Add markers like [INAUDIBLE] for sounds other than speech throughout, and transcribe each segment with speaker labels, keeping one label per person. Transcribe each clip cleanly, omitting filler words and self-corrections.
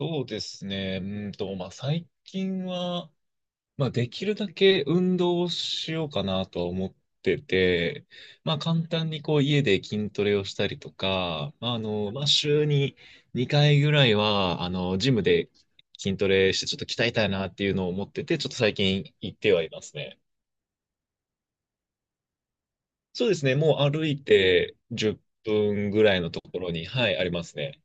Speaker 1: そうですね。まあ、最近は、まあ、できるだけ運動をしようかなとは思ってて、まあ、簡単にこう、家で筋トレをしたりとか、まあ、まあ、週に2回ぐらいは、ジムで筋トレしてちょっと鍛えたいなっていうのを思ってて、ちょっと最近行ってはいますね。そうですね。もう歩いて10分ぐらいのところに、はい、ありますね。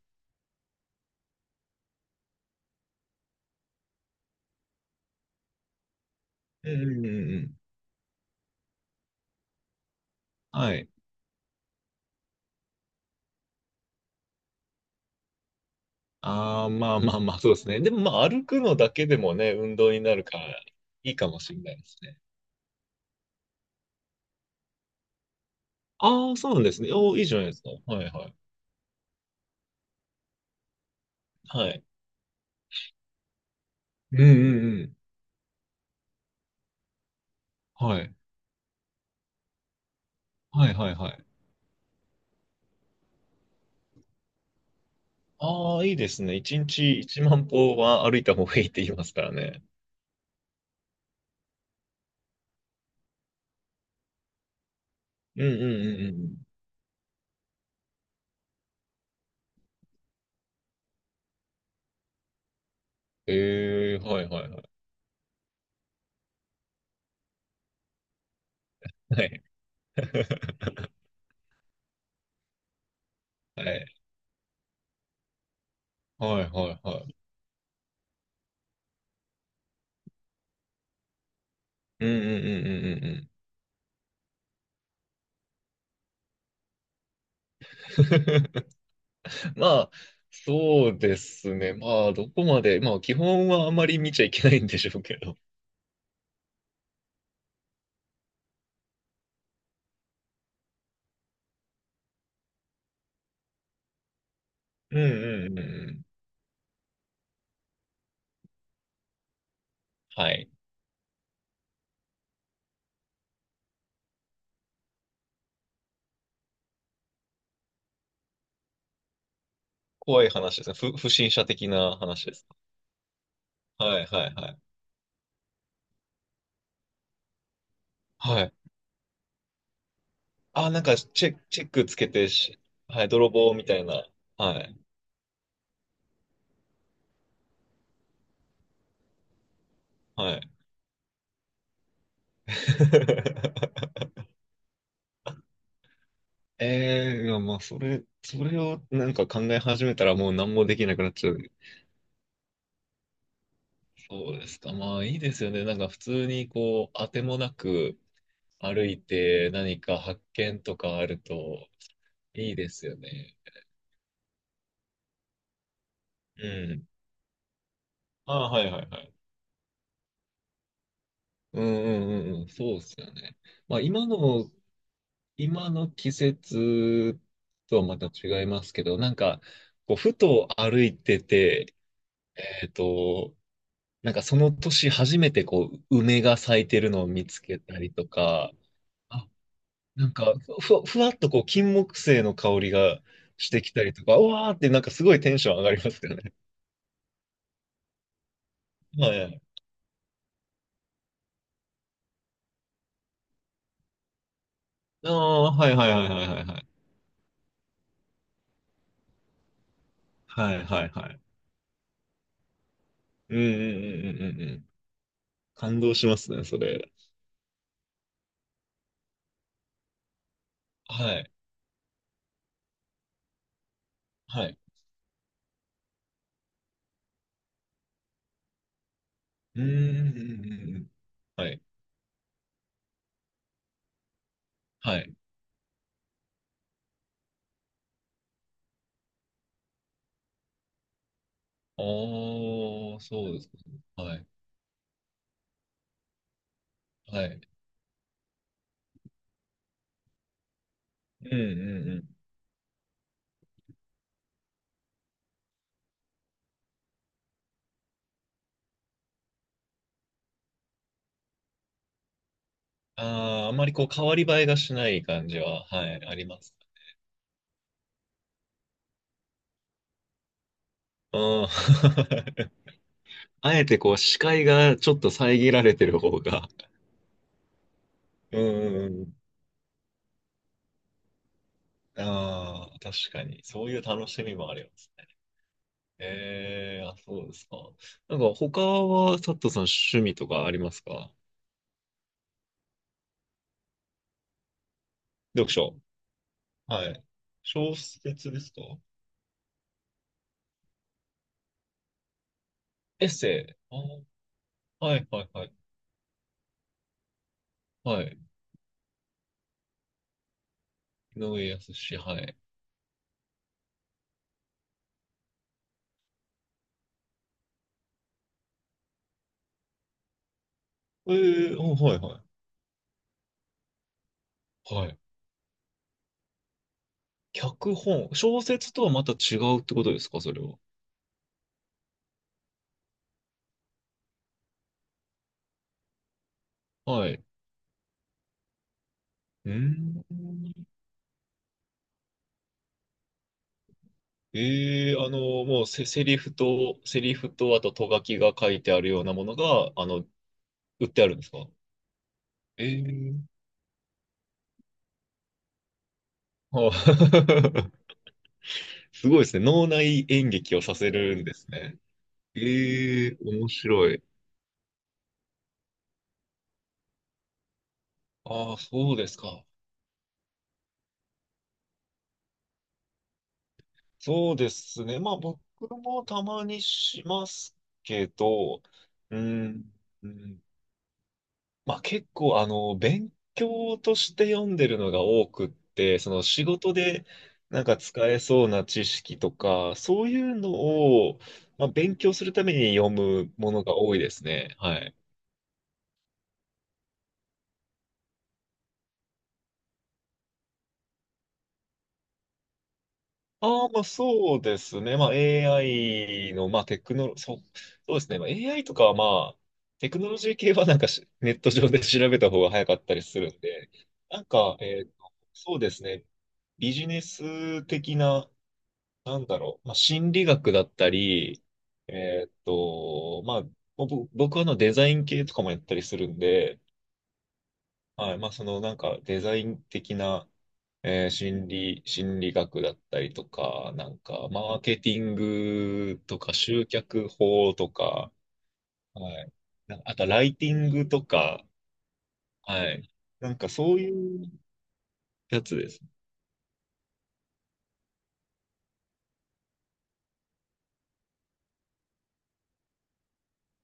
Speaker 1: うんうんうんうん。はい。ああ、まあまあまあ、そうですね。でもまあ、歩くのだけでもね、運動になるから、いいかもしれないですね。ああ、そうなんですね。おーいいじゃないですか。はいはい。はい。うんうんうん。はい。はいはいはい。ああ、いいですね。一日一万歩は歩いた方がいいって言いますからね。うんうんうんうんうん。ええはいはいはい。はい。[LAUGHS] はい。はいはいはい。うんうんうんうんうんうん。[LAUGHS] まあ、そうですね。まあ、どこまで、まあ、基本はあまり見ちゃいけないんでしょうけど。うんうんうんうん。はい。怖い話ですね。不審者的な話です。はいはいはい。はい。あ、なんか、チェックつけてし、はい、泥棒みたいな。はい。はい。[LAUGHS] ええーいやまあ、それをなんか考え始めたらもう何もできなくなっちゃう。そうですか。まあ、いいですよね。なんか普通にこう、当てもなく、歩いて何か発見とかあるといいですよね。うん。ああ、はいはいはい。うんうんうんうん、そうですよね。まあ今の季節とはまた違いますけど、なんか、こう、ふと歩いてて、えっと、なんかその年初めてこう、梅が咲いてるのを見つけたりとか、あ、なんかふわっとこう、金木犀の香りがしてきたりとか、うわーってなんかすごいテンション上がりますよね。はい。ああ、はいはいはいはいはいはい。はいはいはい。うんうんうんうんうんうん。感動しますね、それ。はい。はい。うんうんうんうんうん。はい。はい。ああ、そうですか。はい。はい。うんうんうん。ああ、あまりこう、変わり映えがしない感じは、はい、あります。うん。[LAUGHS] あえてこう、視界がちょっと遮られてる方が。うんうんうん。ああ、確かに。そういう楽しみもあります。ええあ、そうですか。なんか他は、佐藤さん趣味とかありますか？読書。はい。小説ですか？エッセイ。あー、はいはいはい。はい。井上康志、はい。ええうんはいはい。はい。脚本。小説とはまた違うってことですかそれは？はい。うーん。ええもうセリフと、あと、と書きが書いてあるようなものが、売ってあるんですか？ええはあ [LAUGHS] すごいですね。脳内演劇をさせるんですね。ええ、面白い。ああ、そうですか。そうですね。まあ僕もたまにしますけど、うーん、うん、まあ結構勉強として読んでるのが多くって、その仕事でなんか使えそうな知識とか、そういうのを、まあ、勉強するために読むものが多いですね。はい。ああ、まあそうですね。まあ AI の、まあテクノロ、そうですね。まあ AI とかはまあ、テクノロジー系はなんかネット上で調べた方が早かったりするんで、なんか、そうですね。ビジネス的な、なんだろう、まあ心理学だったり、まあ、僕はあのデザイン系とかもやったりするんで、はい、まあそのなんかデザイン的な、心理学だったりとか、なんか、マーケティングとか、集客法とか、はい。なんかあと、ライティングとか、はい。なんか、そういうやつです。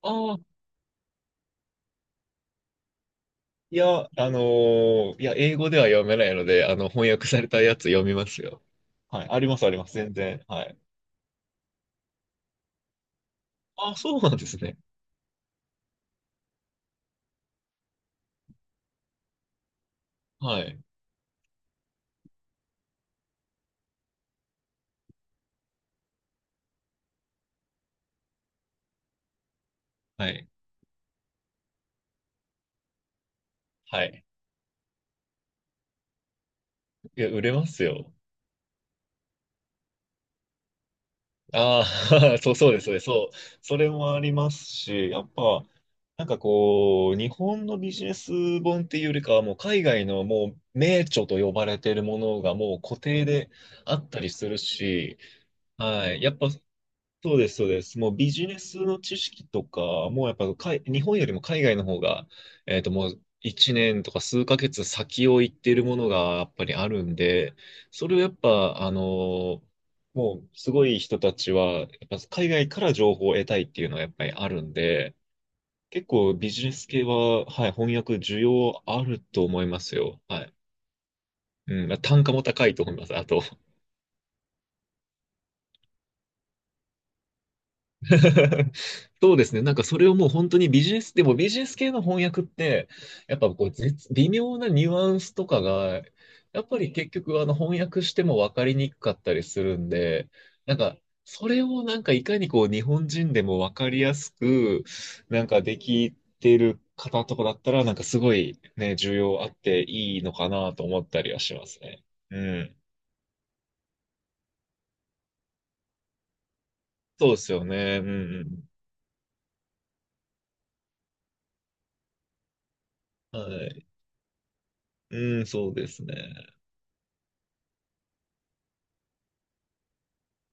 Speaker 1: ああ、いや、いや、英語では読めないので、あの、翻訳されたやつ読みますよ。はい。あります、あります。全然。はい。ああ、そうなんですね。はい。はい。はい。いや、売れますよ。ああ、[LAUGHS] そう、そうです、そうです、そう。それもありますし、やっぱ、なんかこう、日本のビジネス本っていうよりかは、もう海外のもう名著と呼ばれているものがもう固定であったりするし、はい。やっぱそうです、そうです。もうビジネスの知識とか、もうやっぱ日本よりも海外の方が、もう1年とか数ヶ月先を行っているものがやっぱりあるんで、それをやっぱ、ーもうすごい人たちは、やっぱ海外から情報を得たいっていうのはやっぱりあるんで、結構ビジネス系は、はい、翻訳需要あると思いますよ。はい。うん、まあ単価も高いと思います。あと、[LAUGHS] そうですね。なんかそれをもう本当にビジネス、でもビジネス系の翻訳って、やっぱこう微妙なニュアンスとかが、やっぱり結局翻訳しても分かりにくかったりするんで、なんかそれをなんかいかにこう日本人でも分かりやすく、なんかできてる方とかだったら、なんかすごいね、需要あっていいのかなと思ったりはしますね。うん。そうですよね。うんうん。はい。うん、そうですね。